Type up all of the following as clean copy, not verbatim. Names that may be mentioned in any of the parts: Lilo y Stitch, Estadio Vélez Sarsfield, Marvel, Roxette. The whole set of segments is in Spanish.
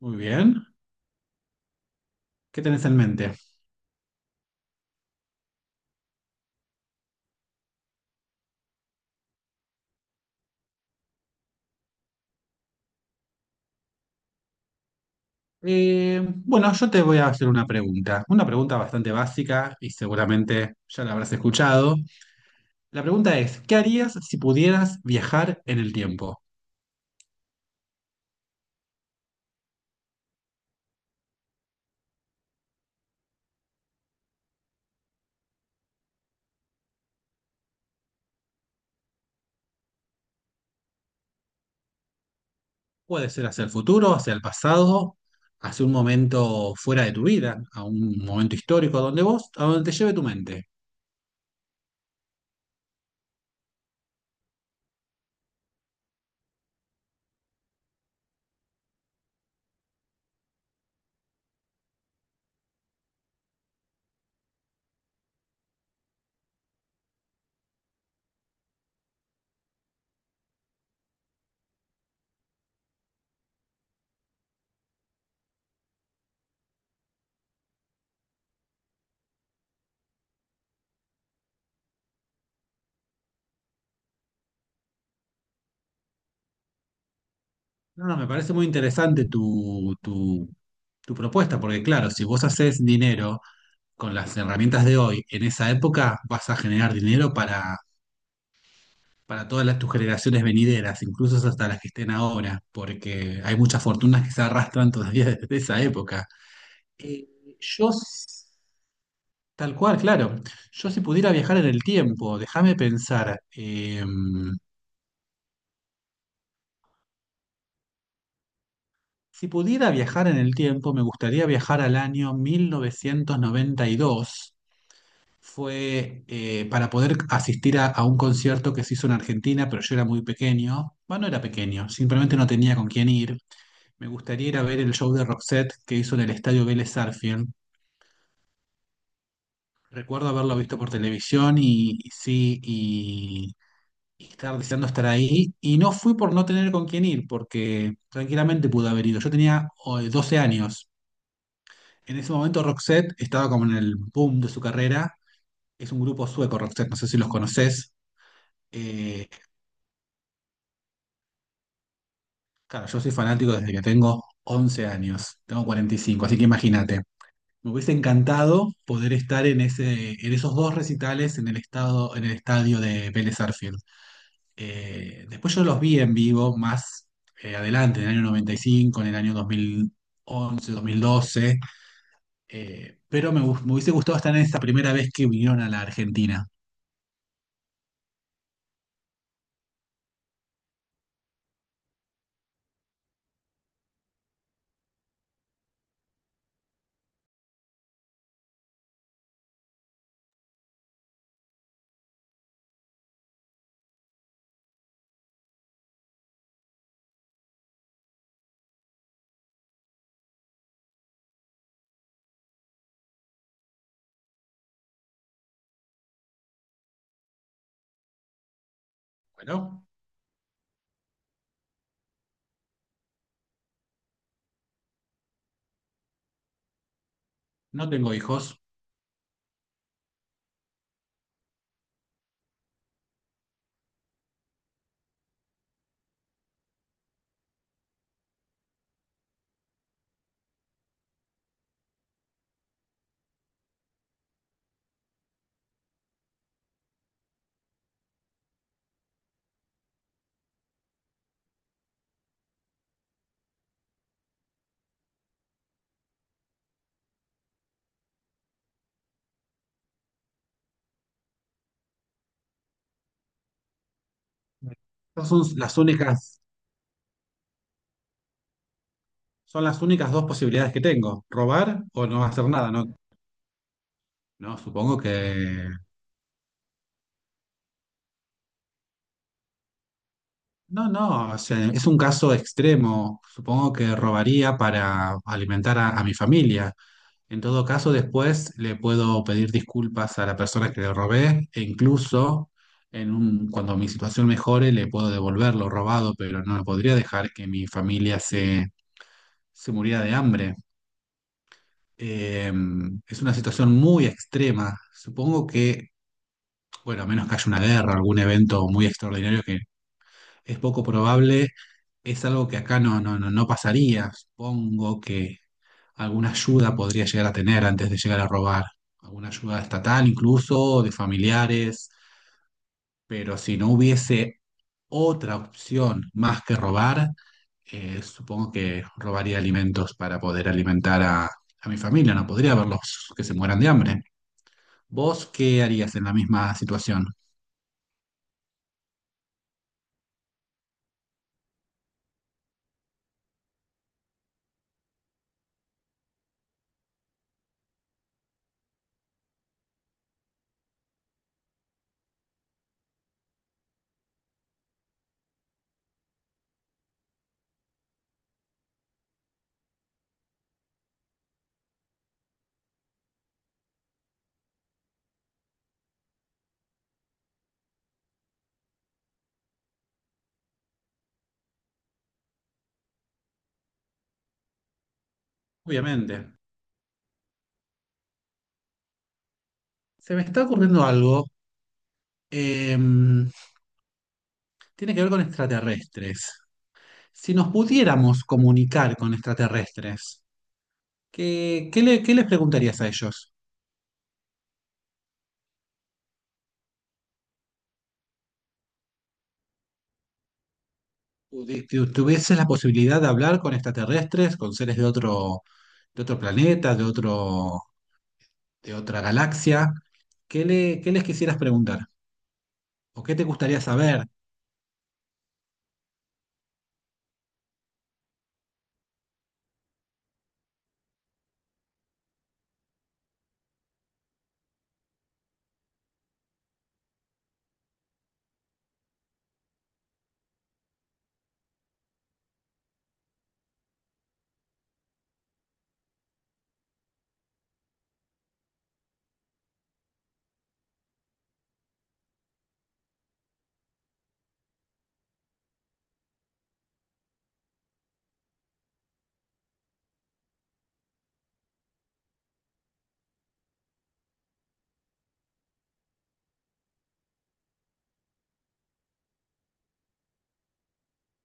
Muy bien. ¿Qué tenés en mente? Bueno, yo te voy a hacer una pregunta bastante básica y seguramente ya la habrás escuchado. La pregunta es, ¿qué harías si pudieras viajar en el tiempo? Puede ser hacia el futuro, hacia el pasado, hacia un momento fuera de tu vida, a un momento histórico, a donde vos, a donde te lleve tu mente. No, no, me parece muy interesante tu propuesta, porque claro, si vos haces dinero con las herramientas de hoy en esa época, vas a generar dinero para todas tus generaciones venideras, incluso hasta las que estén ahora, porque hay muchas fortunas que se arrastran todavía desde esa época. Eh, yo, s- Tal cual, claro, yo si pudiera viajar en el tiempo, déjame pensar, si pudiera viajar en el tiempo, me gustaría viajar al año 1992. Fue para poder asistir a un concierto que se hizo en Argentina, pero yo era muy pequeño. Bueno, no era pequeño, simplemente no tenía con quién ir. Me gustaría ir a ver el show de Roxette que hizo en el Estadio Vélez Sarsfield. Recuerdo haberlo visto por televisión y sí, y estar deseando estar ahí. Y no fui por no tener con quién ir, porque tranquilamente pude haber ido. Yo tenía 12 años. En ese momento Roxette estaba como en el boom de su carrera. Es un grupo sueco, Roxette, no sé si los conoces. Eh, claro, yo soy fanático desde que tengo 11 años. Tengo 45, así que imagínate. Me hubiese encantado poder estar en ese, en esos dos recitales en el estado, en el estadio de Vélez Sarsfield. Después yo los vi en vivo más adelante, en el año noventa y cinco, en el año 2000 2012, pero me hubiese gustado estar en esa primera vez que vinieron a la Argentina. Bueno, no tengo hijos. Estas son son las únicas dos posibilidades que tengo, robar o no hacer nada, ¿no? No, supongo que No, no, o sea, es un caso extremo. Supongo que robaría para alimentar a mi familia. En todo caso, después le puedo pedir disculpas a la persona que le robé e incluso cuando mi situación mejore le puedo devolver lo robado, pero no podría dejar que mi familia se muriera de hambre. Eh, es una situación muy extrema. Supongo que, bueno, a menos que haya una guerra, algún evento muy extraordinario que es poco probable. Es algo que acá no pasaría. Supongo que alguna ayuda podría llegar a tener antes de llegar a robar. Alguna ayuda estatal incluso, o de familiares. Pero si no hubiese otra opción más que robar, supongo que robaría alimentos para poder alimentar a mi familia. No podría verlos que se mueran de hambre. ¿Vos qué harías en la misma situación? Obviamente. Se me está ocurriendo algo. em, Tiene que ver con extraterrestres. Si nos pudiéramos comunicar con extraterrestres, ¿ qué les preguntarías a ellos? ¿Tuvieses la posibilidad de hablar con extraterrestres, con seres de otro planeta, de otra galaxia? ¿ qué les quisieras preguntar? ¿O qué te gustaría saber?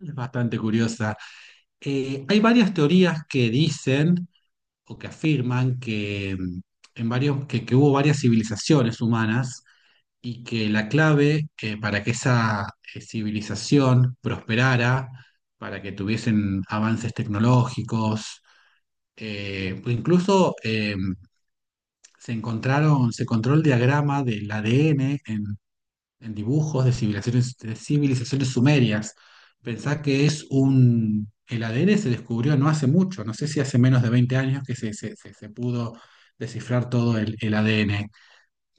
Es bastante curiosa. Hay varias teorías que dicen o que afirman que, en varios, que hubo varias civilizaciones humanas y que la clave para que esa civilización prosperara, para que tuviesen avances tecnológicos, pues incluso se encontraron, se encontró el diagrama del ADN en dibujos de civilizaciones sumerias. Pensá que es un… El ADN se descubrió no hace mucho, no sé si hace menos de 20 años que se pudo descifrar todo el ADN.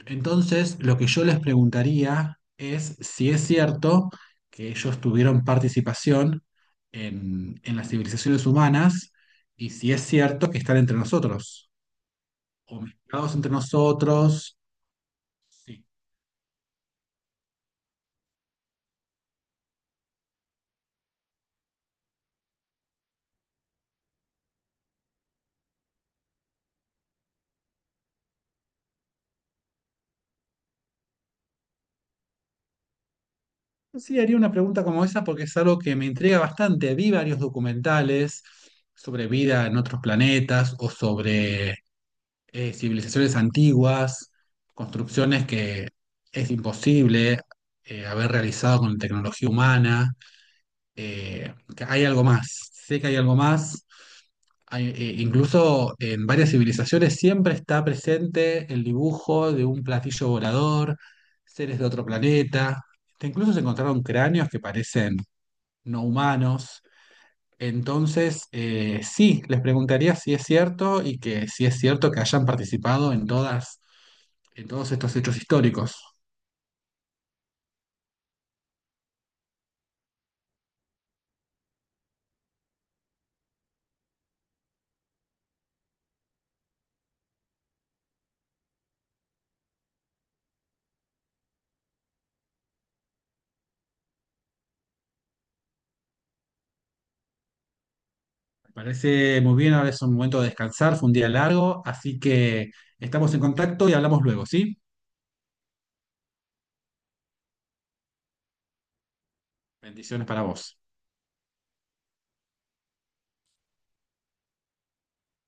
Entonces, lo que yo les preguntaría es si es cierto que ellos tuvieron participación en las civilizaciones humanas y si es cierto que están entre nosotros o mezclados entre nosotros. Sí, sí haría una pregunta como esa porque es algo que me intriga bastante. Vi varios documentales sobre vida en otros planetas o sobre civilizaciones antiguas, construcciones que es imposible haber realizado con tecnología humana, que hay algo más, sé que hay algo más. Hay, incluso en varias civilizaciones siempre está presente el dibujo de un platillo volador, seres de otro planeta. Que incluso se encontraron cráneos que parecen no humanos. Entonces, sí, les preguntaría si es cierto y que si es cierto que hayan participado en todas, en todos estos hechos históricos. Me parece muy bien, ahora es un momento de descansar, fue un día largo, así que estamos en contacto y hablamos luego, ¿sí? Bendiciones para vos.